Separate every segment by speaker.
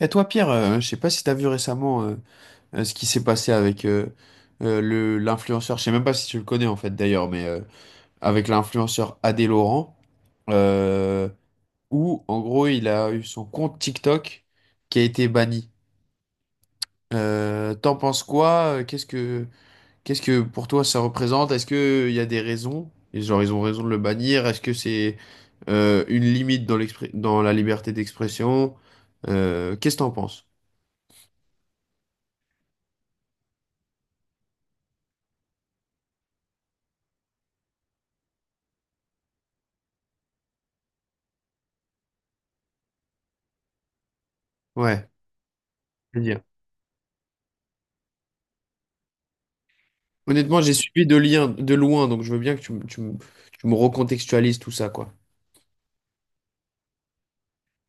Speaker 1: Et toi, Pierre, je sais pas si t'as vu récemment ce qui s'est passé avec le l'influenceur. Je sais même pas si tu le connais en fait d'ailleurs, mais avec l'influenceur Adé Laurent, euh, où en gros il a eu son compte TikTok qui a été banni. T'en penses quoi? Qu'est-ce que pour toi ça représente? Est-ce que il y a des raisons? Et genre ils ont raison de le bannir? Est-ce que c'est une limite dans dans la liberté d'expression? Qu'est-ce que t'en penses? Ouais. Honnêtement, j'ai suivi de lien, de loin, donc je veux bien que tu me tu me recontextualises tout ça, quoi.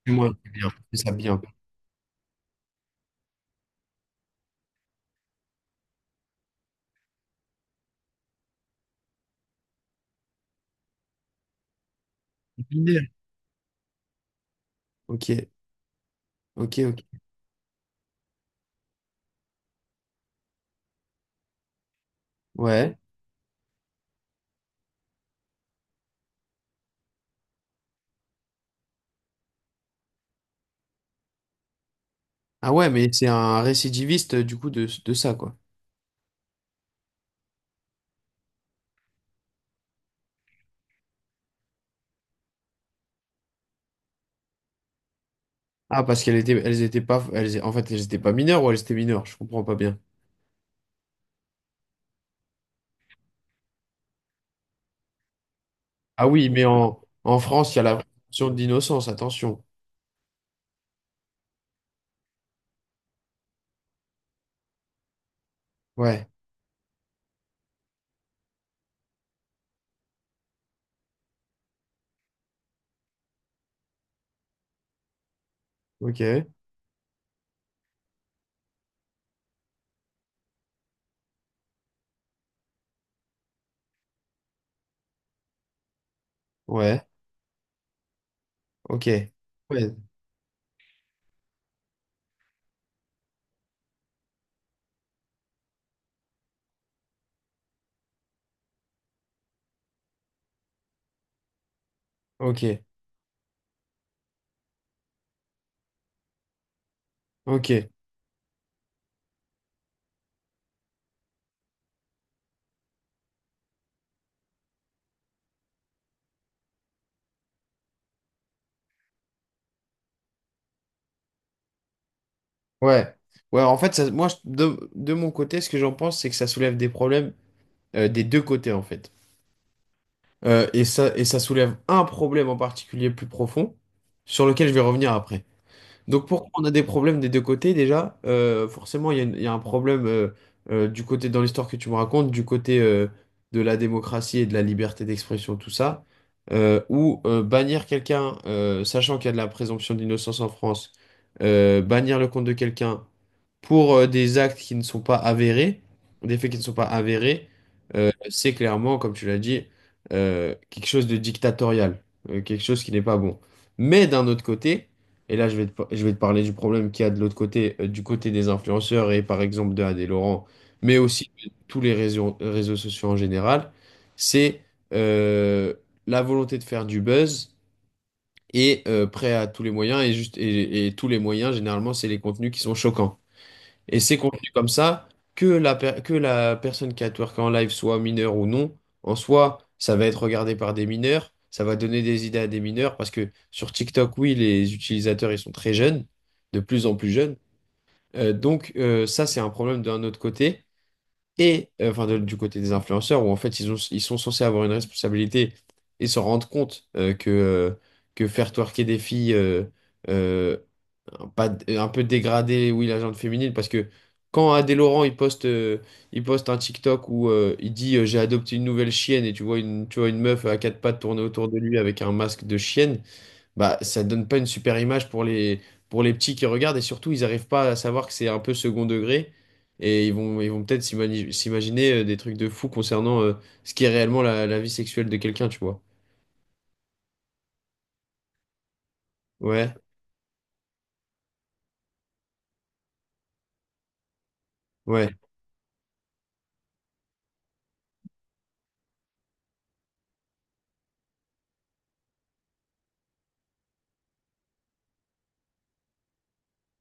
Speaker 1: Moi, bien, fais ça bien. Ok, ok, ok. Ouais. Ah ouais, mais c'est un récidiviste du coup de ça, quoi. Ah, parce qu'elles étaient, elles étaient pas, elles, en fait, elles étaient pas mineures ou elles étaient mineures, je comprends pas bien. Ah oui, mais en, en France, il y a la présomption d'innocence, attention. Ouais, ok, ouais, ok, ouais, ok, ok, ouais. Ouais, en fait, ça, moi, je- de mon côté, ce que j'en pense, c'est que ça soulève des problèmes des deux côtés en fait. Et ça soulève un problème en particulier plus profond, sur lequel je vais revenir après. Donc pourquoi on a des problèmes des deux côtés déjà? Forcément, il y a un problème du côté dans l'histoire que tu me racontes, du côté de la démocratie et de la liberté d'expression, tout ça, où bannir quelqu'un, sachant qu'il y a de la présomption d'innocence en France, bannir le compte de quelqu'un pour des actes qui ne sont pas avérés, des faits qui ne sont pas avérés, c'est clairement, comme tu l'as dit, quelque chose de dictatorial, quelque chose qui n'est pas bon. Mais d'un autre côté, et là, je vais te parler du problème qu'il y a de l'autre côté, du côté des influenceurs et par exemple de Adé Laurent, mais aussi de tous les réseaux sociaux en général, c'est euh, la volonté de faire du buzz et prêt à tous les moyens. Et, juste, et tous les moyens, généralement, c'est les contenus qui sont choquants. Et c'est contenu comme ça, que que la personne qui a twerké en live soit mineure ou non, en soi, ça va être regardé par des mineurs, ça va donner des idées à des mineurs, parce que sur TikTok, oui, les utilisateurs, ils sont très jeunes, de plus en plus jeunes. Ça, c'est un problème d'un autre côté, et du côté des influenceurs, où en fait, ils ont, ils sont censés avoir une responsabilité et se rendre compte que faire twerker des filles... euh, pas d- un peu dégradé, oui, la gente féminine, parce que quand Adé Laurent il poste un TikTok où il dit j'ai adopté une nouvelle chienne et tu vois une meuf à quatre pattes tourner autour de lui avec un masque de chienne, bah ça donne pas une super image pour les petits qui regardent et surtout ils arrivent pas à savoir que c'est un peu second degré et ils vont peut-être s'imaginer des trucs de fou concernant ce qui est réellement la vie sexuelle de quelqu'un, tu vois. Ouais, ouais.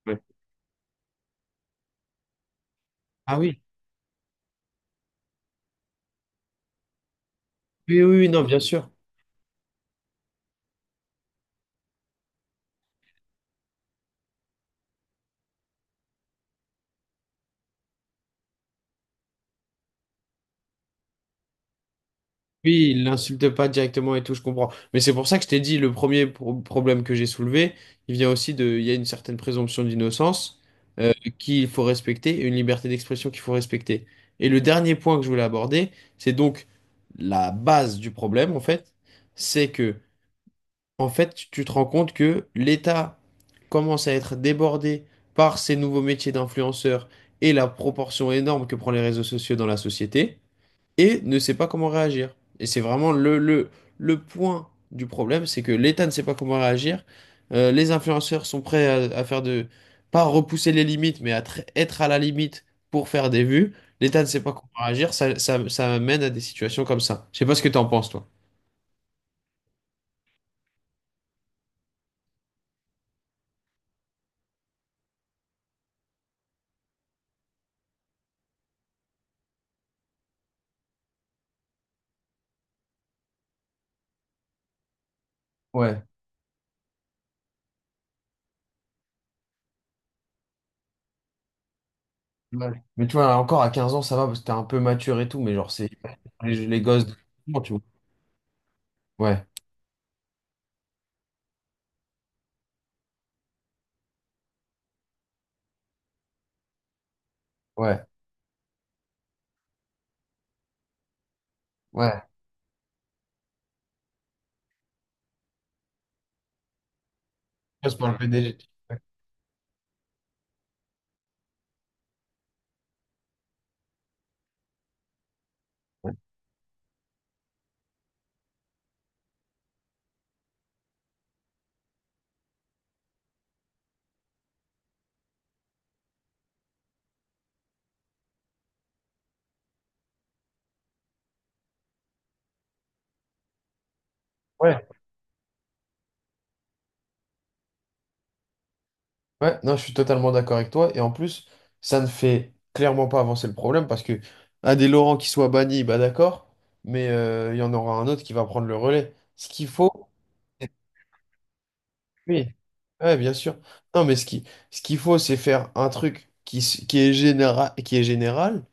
Speaker 1: Ouais. Ah oui. Oui, oui, oui, non, bien sûr. Oui, il l'insulte pas directement et tout, je comprends. Mais c'est pour ça que je t'ai dit, le premier problème que j'ai soulevé, il vient aussi de, il y a une certaine présomption d'innocence euh, qu'il faut respecter et une liberté d'expression qu'il faut respecter. Et le dernier point que je voulais aborder, c'est donc la base du problème, en fait, c'est que, en fait, tu te rends compte que l'État commence à être débordé par ces nouveaux métiers d'influenceurs et la proportion énorme que prend les réseaux sociaux dans la société et ne sait pas comment réagir. Et c'est vraiment le point du problème, c'est que l'État ne sait pas comment réagir. Les influenceurs sont prêts à faire de, pas repousser les limites, mais à être à la limite pour faire des vues. L'État ne sait pas comment réagir, ça mène à des situations comme ça. Je sais pas ce que tu en penses, toi. Ouais. Ouais. Mais tu vois, encore à 15 ans, ça va parce que t'es un peu mature et tout, mais genre, c'est les gosses de... tu vois. Ouais, ouais, ouais. Je passe par le PDG. Ouais, non, je suis totalement d'accord avec toi. Et en plus, ça ne fait clairement pas avancer le problème parce que un des Laurent qui soit banni, bah d'accord, mais il y en aura un autre qui va prendre le relais. Ce qu'il faut, oui, ouais, bien sûr. Non, mais ce qui, ce qu'il faut, c'est faire un truc qui, s- qui est général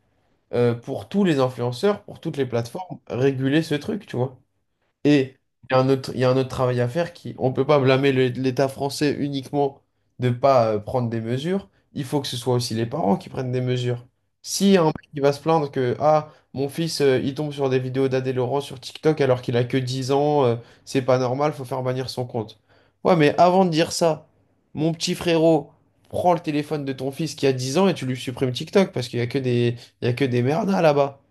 Speaker 1: pour tous les influenceurs, pour toutes les plateformes, réguler ce truc, tu vois. Et il y a un autre travail à faire qui, on ne peut pas blâmer l'État français uniquement de ne pas prendre des mesures. Il faut que ce soit aussi les parents qui prennent des mesures. Si un mec qui va se plaindre que ah mon fils il tombe sur des vidéos d'Adé Laurent sur TikTok alors qu'il a que 10 ans, c'est pas normal, faut faire bannir son compte. Ouais, mais avant de dire ça, mon petit frérot, prends le téléphone de ton fils qui a 10 ans et tu lui supprimes TikTok parce qu'il y a que des il y a que des merdas là-bas.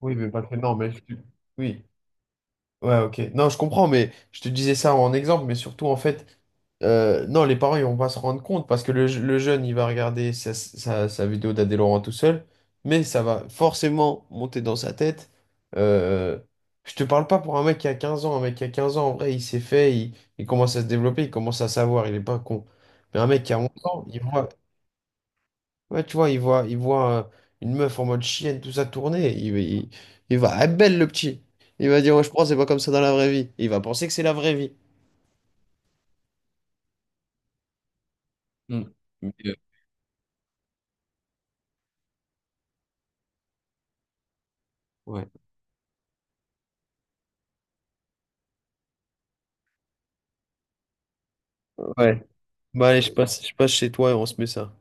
Speaker 1: Oui, mais pas que non, mais je- oui. Ouais, ok. Non, je comprends, mais je te disais ça en exemple, mais surtout en fait, non, les parents ils vont pas se rendre compte parce que le jeune il va regarder sa vidéo d'Adé Laurent tout seul, mais ça va forcément monter dans sa tête. Euh, je te parle pas pour un mec qui a 15 ans, un mec qui a 15 ans en vrai il commence à se développer, il commence à savoir, il est pas con. Mais un mec qui a 11 ans, il voit. Ouais, tu vois, il voit une meuf en mode chienne, tout ça tourner. Il va, ah, belle le petit. Il va dire, ouais, je pense, c'est pas comme ça dans la vraie vie. Et il va penser que c'est la vraie vie. Mm. Mais, Ouais. Ouais. Bah allez, je passe chez toi et on se met ça.